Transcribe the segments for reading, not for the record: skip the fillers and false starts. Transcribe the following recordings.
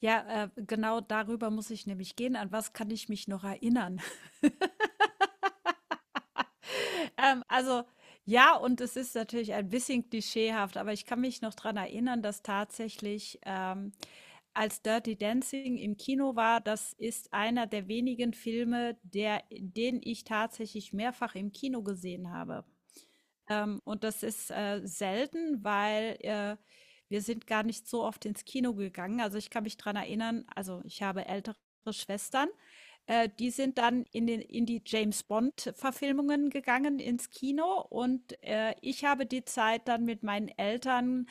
Ja, genau darüber muss ich nämlich gehen. An was kann ich mich noch erinnern? Ähm, also ja, und es ist natürlich ein bisschen klischeehaft, aber ich kann mich noch daran erinnern, dass tatsächlich als Dirty Dancing im Kino war, das ist einer der wenigen Filme, den ich tatsächlich mehrfach im Kino gesehen habe. Und das ist, selten, weil, wir sind gar nicht so oft ins Kino gegangen. Also, ich kann mich dran erinnern, also ich habe ältere Schwestern, die sind dann in die James-Bond-Verfilmungen gegangen ins Kino, und ich habe die Zeit dann mit meinen Eltern,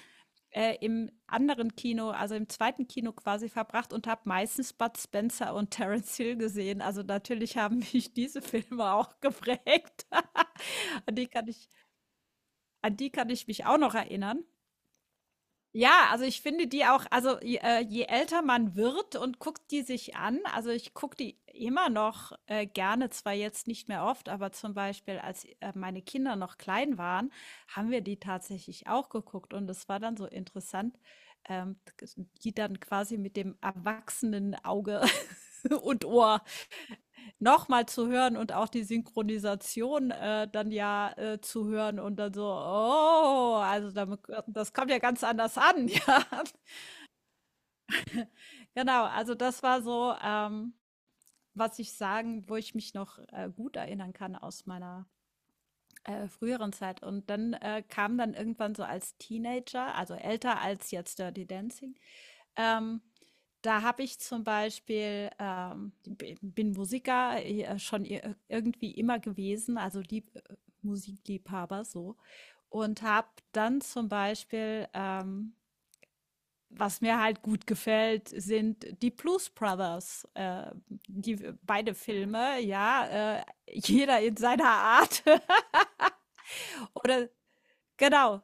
im anderen Kino, also im zweiten Kino quasi verbracht und habe meistens Bud Spencer und Terence Hill gesehen. Also, natürlich haben mich diese Filme auch geprägt. Die kann ich An die kann ich mich auch noch erinnern. Ja, also ich finde die auch, also je älter man wird und guckt die sich an, also ich gucke die immer noch gerne, zwar jetzt nicht mehr oft, aber zum Beispiel, als meine Kinder noch klein waren, haben wir die tatsächlich auch geguckt, und es war dann so interessant, ähm, die dann quasi mit dem erwachsenen Auge und Ohr noch mal zu hören und auch die Synchronisation, dann ja, zu hören und dann so: „Oh, also damit, das kommt ja ganz anders an“, ja. Genau, also das war so, was ich sagen, wo ich mich noch, gut erinnern kann aus meiner, früheren Zeit. Und dann, kam dann irgendwann so als Teenager, also älter als jetzt Dirty Dancing. Ähm, da habe ich zum Beispiel, bin Musiker schon irgendwie immer gewesen, also Musikliebhaber so. Und habe dann zum Beispiel, was mir halt gut gefällt, sind die Blues Brothers, die beide Filme, ja, jeder in seiner Art. Oder genau.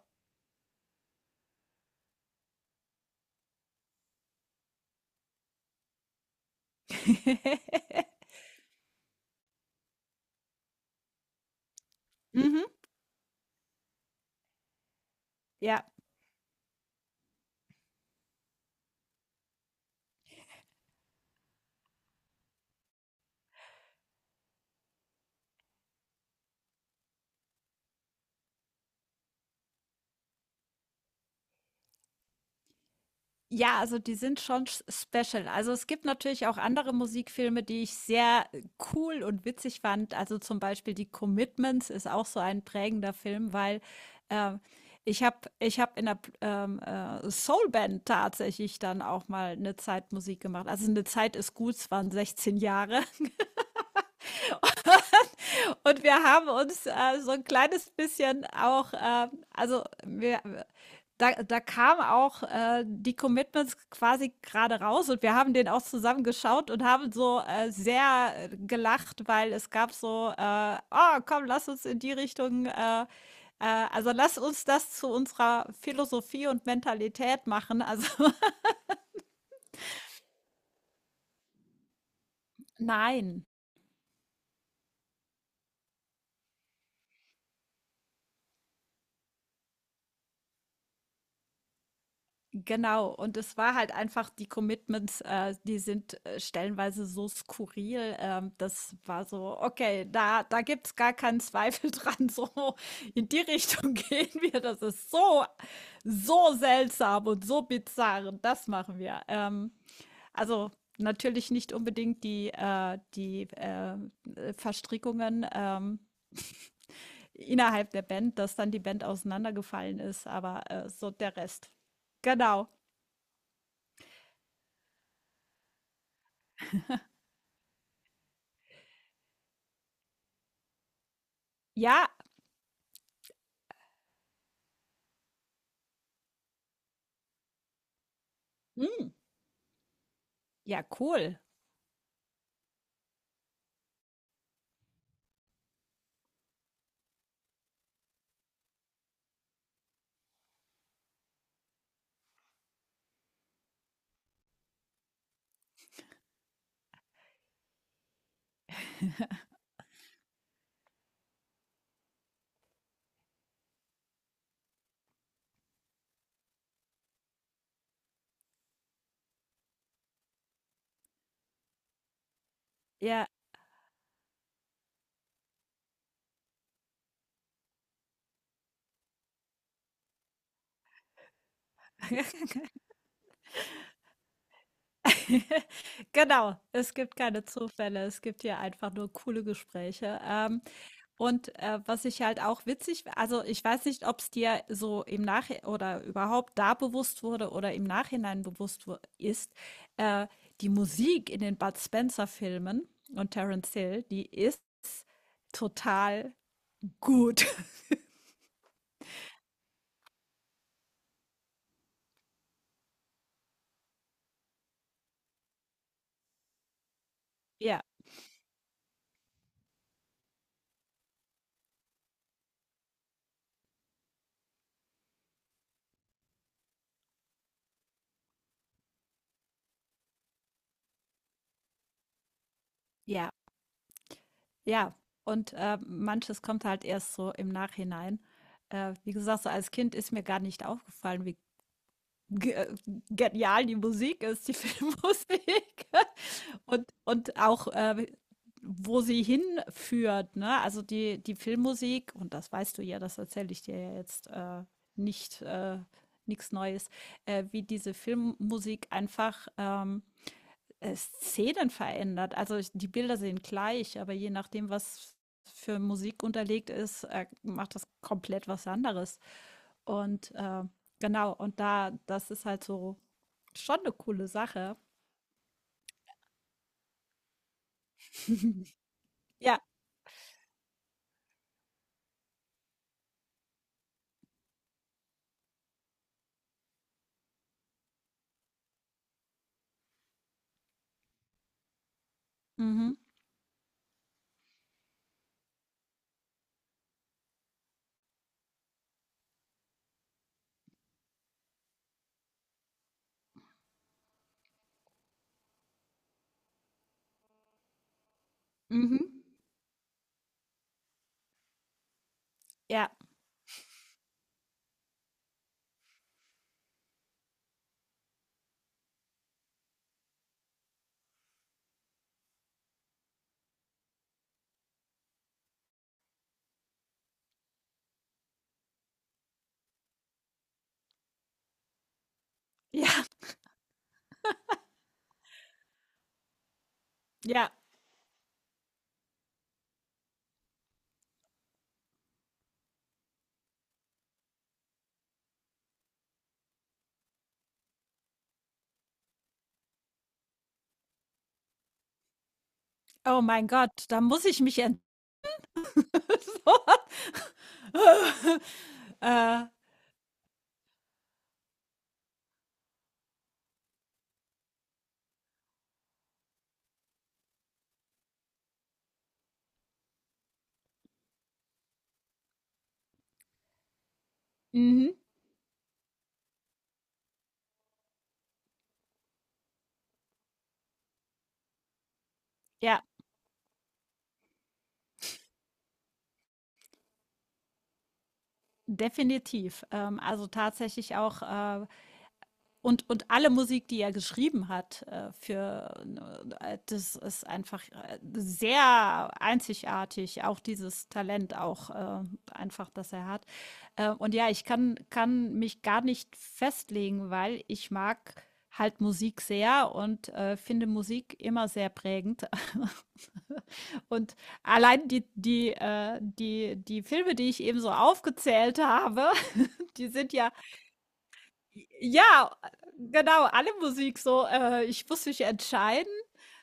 Mhm, ja. Ja, also die sind schon s special. Also, es gibt natürlich auch andere Musikfilme, die ich sehr cool und witzig fand. Also, zum Beispiel die Commitments ist auch so ein prägender Film, weil, ähm, ich habe in 'ner Soulband tatsächlich dann auch mal eine Zeit Musik gemacht. Also, eine Zeit ist gut, es waren 16 Jahre. Und wir haben uns so ein kleines bisschen auch, also, wir da kamen auch, die Commitments quasi gerade raus, und wir haben den auch zusammen geschaut und haben so, sehr, gelacht, weil es gab so, „Oh, komm, lass uns in die Richtung, äh also, lass uns das zu unserer Philosophie und Mentalität machen.“ Also, nein. Genau, und es war halt einfach die Commitments, die sind stellenweise so skurril. Das war so, okay, da gibt's gar keinen Zweifel dran. So in die Richtung gehen wir. Das ist so, so seltsam und so bizarr. Und das machen wir. Also natürlich nicht unbedingt die, die Verstrickungen, innerhalb der Band, dass dann die Band auseinandergefallen ist, aber so der Rest. Genau. Ja, hm? Ja, cool. Ja, genau. Es gibt keine Zufälle. Es gibt hier einfach nur coole Gespräche. Und was ich halt auch witzig, also ich weiß nicht, ob es dir so im Nach oder überhaupt da bewusst wurde oder im Nachhinein ist, äh, die Musik in den Bud Spencer-Filmen und Terence Hill, die ist total gut. Ja, ja. Ja, und, manches kommt halt erst so im Nachhinein. Wie gesagt, so als Kind ist mir gar nicht aufgefallen, wie ge genial die Musik ist, die Filmmusik, und auch, wo sie hinführt, ne? Also, die Filmmusik, und das weißt du ja, das erzähle ich dir ja jetzt, nicht nix Neues, wie diese Filmmusik einfach, Szenen verändert. Also ich, die Bilder sehen gleich, aber je nachdem, was für Musik unterlegt ist, macht das komplett was anderes. Und genau, und da, das ist halt so schon eine coole Sache. Ja. Mhm. Mhm. Ja. Ja. Ja. Oh mein Gott, da muss ich mich ent so. äh, mhm. Ja, definitiv. Also tatsächlich auch und alle Musik, die er geschrieben hat, für das ist einfach sehr einzigartig, auch dieses Talent auch, einfach, das er hat. Und ja, kann mich gar nicht festlegen, weil ich mag halt Musik sehr und finde Musik immer sehr prägend. Und allein die Filme, die ich eben so aufgezählt habe, die sind ja, ja, genau, alle Musik so. Ich muss mich entscheiden.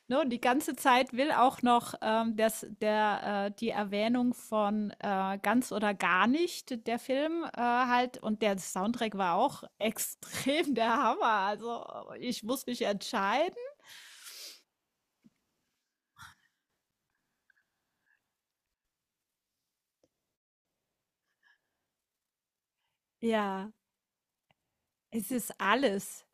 Ne? Und die ganze Zeit will auch noch die Erwähnung von ganz oder gar nicht, der Film halt. Und der Soundtrack war auch extrem der Hammer. Also ich muss mich entscheiden. Ja, es ist alles.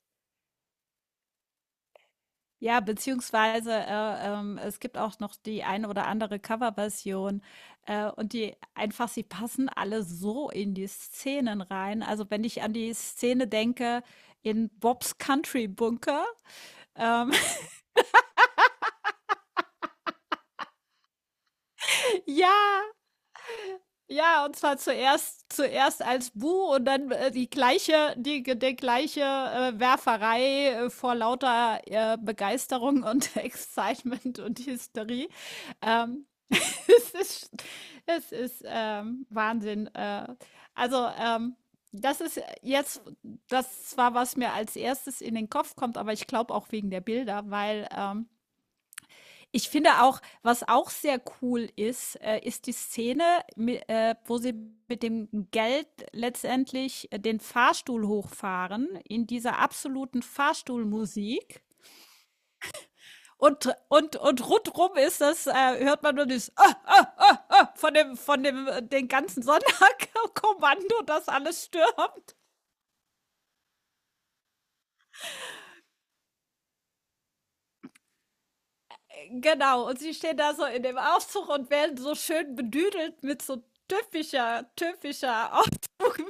Ja, beziehungsweise, es gibt auch noch die eine oder andere Coverversion, und die, einfach sie passen alle so in die Szenen rein. Also, wenn ich an die Szene denke in Bobs Country Bunker, ähm, ja, ja, und zwar zuerst als Bu und dann, die gleiche die ge der gleiche, Werferei, vor lauter, Begeisterung und Excitement und Hysterie. Ähm, es ist es ist Wahnsinn. Also, das ist jetzt das zwar, was mir als erstes in den Kopf kommt, aber ich glaube auch wegen der Bilder, weil, ich finde auch, was auch sehr cool ist, ist die Szene, wo sie mit dem Geld letztendlich den Fahrstuhl hochfahren in dieser absoluten Fahrstuhlmusik. Und, und rundrum ist das, hört man nur das ah, von dem, den ganzen Sonderkommando, das alles stürmt. Genau. Und sie stehen da so in dem Aufzug und werden so schön bedüdelt mit so typischer, typischer Aufzug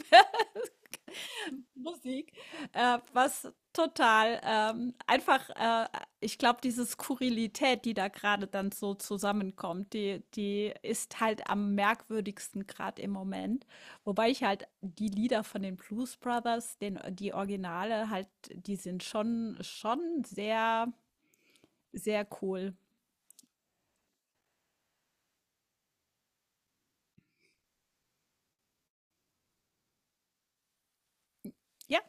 Musik, was total ich glaube, diese Skurrilität, die da gerade dann so zusammenkommt, die ist halt am merkwürdigsten gerade im Moment. Wobei ich halt die Lieder von den Blues Brothers, die Originale, halt, die sind schon, schon sehr, sehr cool. Ja,